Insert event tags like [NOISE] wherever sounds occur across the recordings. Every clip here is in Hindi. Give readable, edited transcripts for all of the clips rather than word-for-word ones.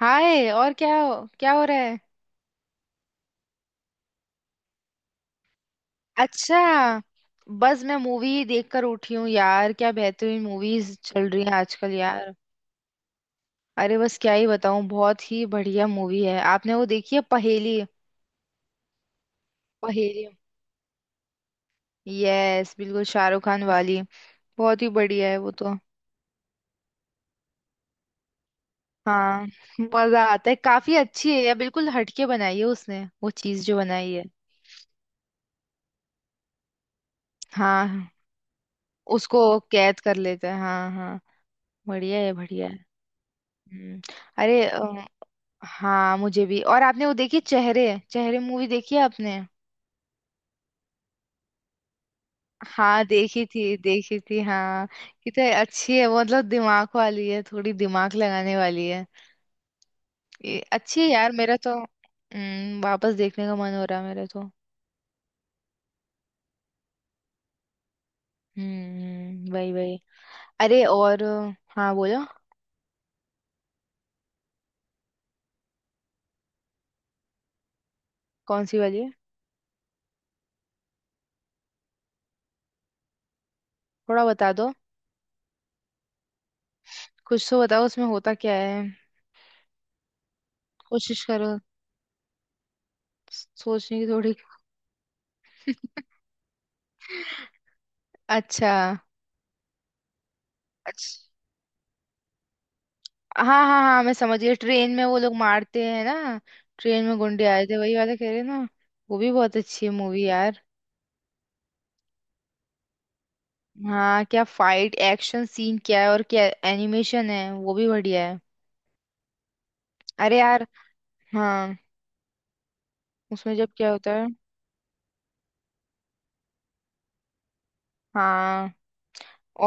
हाय। और क्या हो रहा है? अच्छा। बस मैं मूवी देखकर उठी हूँ यार। क्या बेहतरीन मूवीज चल रही हैं आजकल यार। अरे बस क्या ही बताऊँ, बहुत ही बढ़िया मूवी है। आपने वो देखी है, पहेली? पहेली। यस, बिल्कुल शाहरुख खान वाली। बहुत ही बढ़िया है वो तो। हाँ, मजा आता है। काफी अच्छी है यार। बिल्कुल हटके बनाई है उसने वो चीज जो बनाई है। हाँ, उसको कैद कर लेते हैं, हाँ हाँ। बढ़िया है बढ़िया है। हम्म। अरे हाँ, मुझे भी। और आपने वो देखी, चेहरे चेहरे मूवी देखी है आपने? हाँ, देखी थी देखी थी, हाँ। कितनी अच्छी है वो। मतलब दिमाग वाली है, थोड़ी दिमाग लगाने वाली है। ये अच्छी है यार, मेरा तो। वापस देखने का मन हो रहा है मेरा तो। हम्म, वही वही। अरे और। हाँ, बोलो। कौन सी वाली है? थोड़ा बता दो। कुछ तो बताओ, उसमें होता क्या है? कोशिश करो। सोचने की थोड़ी। [LAUGHS] अच्छा। अच्छा, हाँ हाँ हाँ, मैं समझ गई। ट्रेन में वो लोग मारते हैं ना। ट्रेन में गुंडे आए थे, वही वाला कह रहे हैं ना। वो भी बहुत अच्छी है मूवी यार। हाँ, क्या फाइट एक्शन सीन क्या है, और क्या एनिमेशन है, वो भी बढ़िया है। अरे यार। हाँ। उसमें जब क्या होता है? हाँ,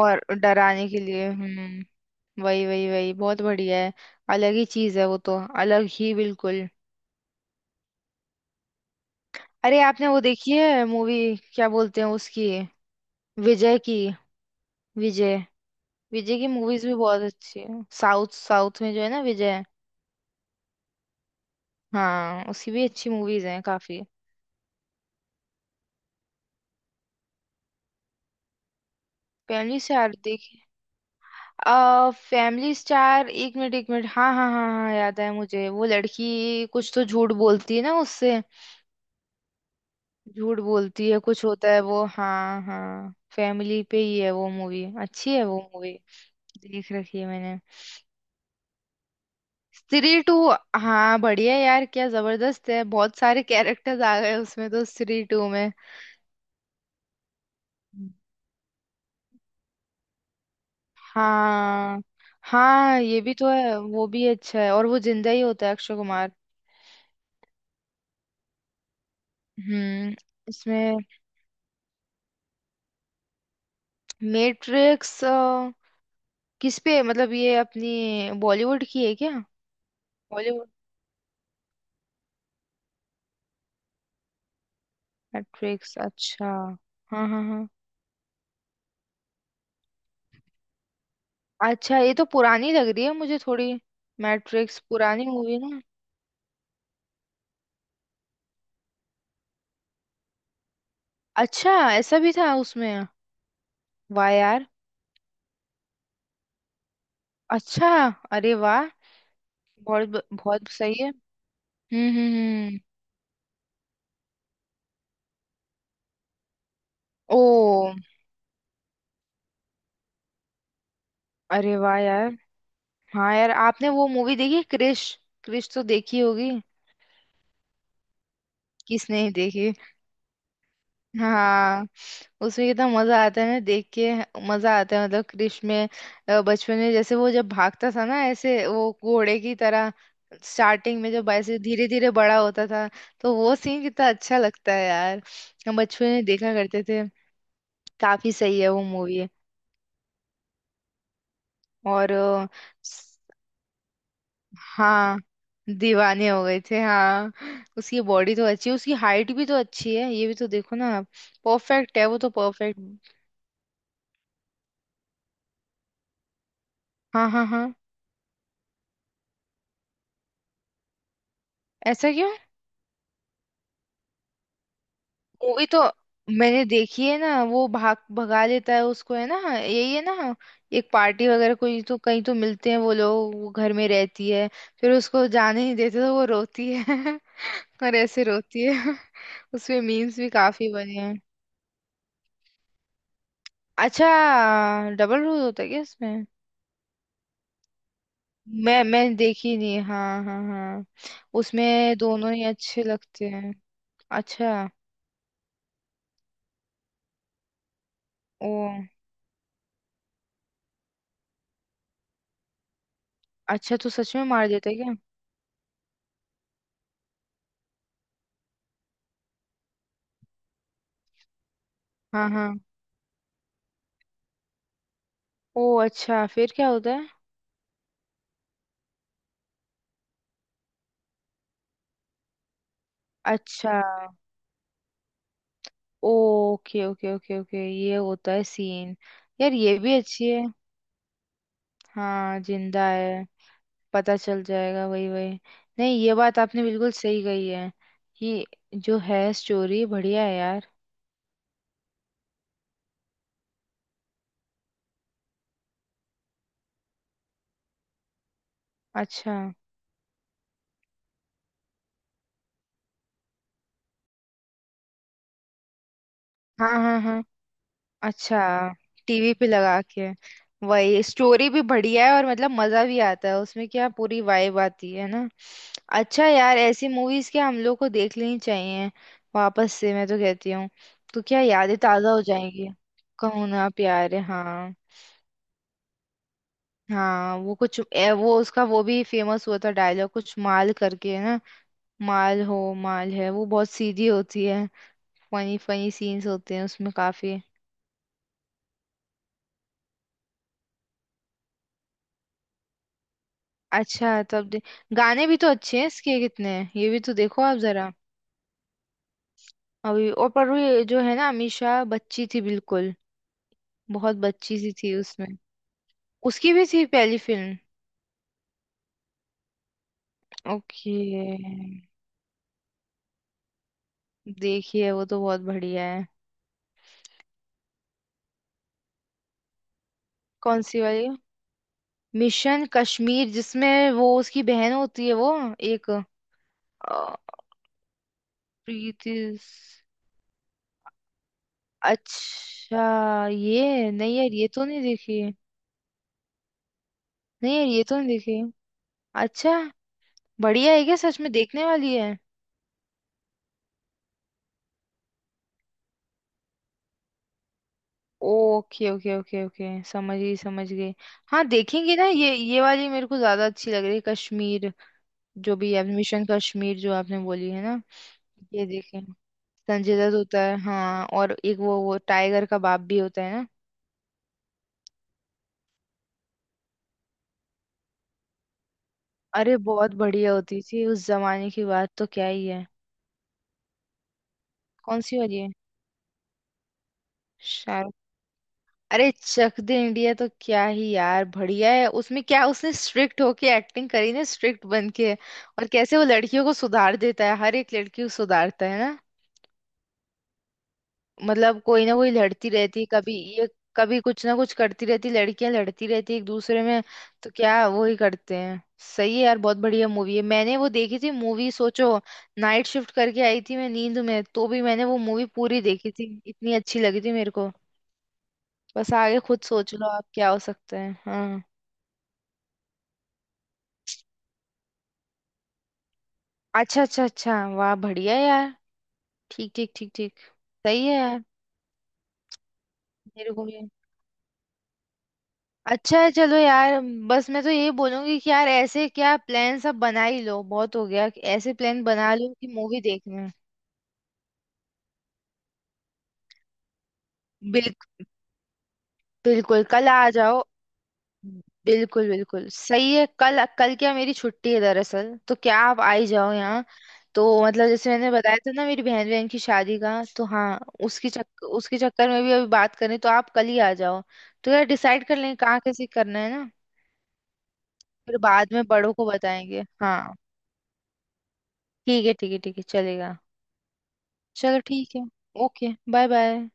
और डराने के लिए, हम्म। वही वही वही, बहुत बढ़िया है। अलग ही चीज है वो तो, अलग ही बिल्कुल। अरे आपने वो देखी है मूवी, क्या बोलते हैं उसकी, विजय की। विजय। विजय की मूवीज भी बहुत अच्छी है, साउथ साउथ में जो है ना, विजय। हाँ, उसकी भी अच्छी मूवीज हैं काफी। फैमिली स्टार देखी। आ फैमिली स्टार, एक मिनट एक मिनट, हाँ हाँ हाँ हाँ, याद है मुझे। वो लड़की कुछ तो झूठ बोलती है ना उससे। झूठ बोलती है, कुछ होता है वो, हाँ हाँ। फैमिली पे ही है वो मूवी, अच्छी है वो मूवी। देख रखी है मैंने। स्त्री टू। हाँ बढ़िया यार, क्या जबरदस्त है, बहुत सारे कैरेक्टर्स आ गए उसमें तो, स्त्री टू में। हाँ हाँ, ये भी तो है, वो भी अच्छा है। और वो जिंदा ही होता है, अक्षय कुमार। हम्म। इसमें? मैट्रिक्स? किस पे, मतलब ये अपनी बॉलीवुड की है क्या? बॉलीवुड। मैट्रिक्स, अच्छा। हाँ हाँ हाँ। अच्छा, ये तो पुरानी लग रही है मुझे थोड़ी। मैट्रिक्स पुरानी मूवी ना। अच्छा, ऐसा भी था उसमें? वाह यार। अच्छा। अरे वाह। बहुत बहुत सही है। हम्म। ओ। अरे वाह यार। हाँ यार, आपने वो मूवी देखी क्रिश? क्रिश तो देखी होगी। किसने ही देखी। हाँ। उसमें कितना मजा आता है ना देख के। मजा आता है, मतलब क्रिश में। बचपन में जैसे वो जब भागता था ना, ऐसे वो घोड़े की तरह। स्टार्टिंग में जब ऐसे धीरे धीरे बड़ा होता था, तो वो सीन कितना अच्छा लगता है यार। हम बचपन में देखा करते थे। काफी सही है वो मूवी। और। हाँ। दीवाने हो गए थे, हाँ। उसकी बॉडी तो अच्छी है, उसकी हाइट भी तो अच्छी है, ये भी तो देखो ना आप। परफेक्ट है वो तो, परफेक्ट। हाँ हाँ हाँ। ऐसा क्यों? मूवी तो मैंने देखी है ना। वो भाग भगा लेता है उसको है ना, यही है ना? एक पार्टी वगैरह, कोई तो, कहीं तो मिलते हैं वो लोग, वो घर में रहती है। फिर उसको जाने नहीं देते तो वो रोती है। [LAUGHS] और ऐसे रोती है। [LAUGHS] उसमें मीम्स भी काफी बने हैं। अच्छा, डबल रोल होता है क्या इसमें? मैं देखी नहीं, हाँ हाँ हाँ। उसमें दोनों ही अच्छे लगते हैं। अच्छा। ओ, अच्छा, तो सच में मार देता है क्या? हाँ हाँ। ओ अच्छा, फिर क्या होता है? अच्छा ओके ओके ओके ओके, ये होता है सीन। यार ये भी अच्छी है। हाँ, जिंदा है, पता चल जाएगा, वही वही। नहीं, ये बात आपने बिल्कुल सही कही है कि जो है स्टोरी बढ़िया है यार। अच्छा। हाँ हाँ हाँ। अच्छा, टीवी पे लगा के, वही। स्टोरी भी बढ़िया है, और मतलब मजा भी आता है उसमें। क्या पूरी वाइब आती है ना। अच्छा यार, ऐसी मूवीज क्या हम लोग को देख लेनी चाहिए, वापस से मैं तो कहती हूँ। तो क्या यादें ताजा हो जाएंगी। कहो ना प्यार है, हाँ। हाँ, वो कुछ वो उसका वो भी फेमस हुआ था डायलॉग, कुछ माल करके है ना। माल हो, माल है वो, बहुत सीधी होती है। फनी फनी सीन्स होते हैं उसमें काफी। अच्छा, तब दे। गाने भी तो अच्छे हैं इसके, कितने हैं ये भी तो देखो आप जरा। अभी और, पर वो ये जो है ना अमीषा बच्ची थी बिल्कुल, बहुत बच्ची सी थी उसमें। उसकी भी थी पहली फिल्म। ओके। देखिए, वो तो बहुत बढ़िया है। कौन सी वाली? मिशन कश्मीर, जिसमें वो उसकी बहन होती है वो? एक अ, प्रीति स- अच्छा, ये नहीं यार, ये तो नहीं देखी है। नहीं यार, ये तो नहीं देखी है। अच्छा, बढ़िया है क्या, सच में देखने वाली है? ओके ओके ओके ओके, समझ गई समझ गई। हाँ देखेंगे ना, ये वाली मेरे को ज्यादा अच्छी लग रही है, कश्मीर, जो भी है, मिशन कश्मीर जो आपने बोली है ना। ये देखें। संजय दत्त होता है, हाँ, और एक वो टाइगर का बाप भी होता है ना। अरे बहुत बढ़िया होती थी, उस जमाने की बात तो क्या ही है। कौन सी वाली है? शाहरुख। अरे चक दे इंडिया तो क्या ही यार बढ़िया है, उसमें क्या उसने स्ट्रिक्ट होके एक्टिंग करी ना, स्ट्रिक्ट बन के, और कैसे वो लड़कियों को सुधार देता है, हर एक लड़की को सुधारता है। मतलब कोई ना कोई लड़ती रहती कभी, ये, कभी कुछ ना कुछ करती रहती, लड़कियां लड़ती रहती एक दूसरे में। तो क्या वो ही करते हैं, सही है यार, बहुत बढ़िया मूवी है। मैंने वो देखी थी मूवी, सोचो, नाइट शिफ्ट करके आई थी मैं, नींद में तो भी मैंने वो मूवी पूरी देखी थी, इतनी अच्छी लगी थी मेरे को। बस आगे खुद सोच लो आप क्या हो सकता है, हाँ। अच्छा अच्छा अच्छा, वाह बढ़िया यार। ठीक ठीक ठीक ठीक। सही है यार, मेरे को भी। अच्छा है, चलो यार। बस मैं तो यही बोलूंगी कि यार, ऐसे क्या प्लान सब बना ही लो, बहुत हो गया, कि ऐसे प्लान बना लो कि मूवी देखना है। बिल, बिल्कुल कल आ जाओ। बिल्कुल बिल्कुल सही है, कल, कल क्या मेरी छुट्टी है दरअसल, तो क्या आप आ ही जाओ यहाँ। तो मतलब जैसे मैंने बताया था ना, मेरी बहन बहन की शादी का तो, हाँ। उसकी चक्कर उसके चक्कर में भी अभी बात करें, तो आप कल ही आ जाओ। तो यार डिसाइड कर लें कहाँ कैसे करना है ना। फिर बाद में बड़ों को बताएंगे, हाँ। ठीक है ठीक है ठीक है, चलेगा। चलो ठीक है। Okay, bye bye.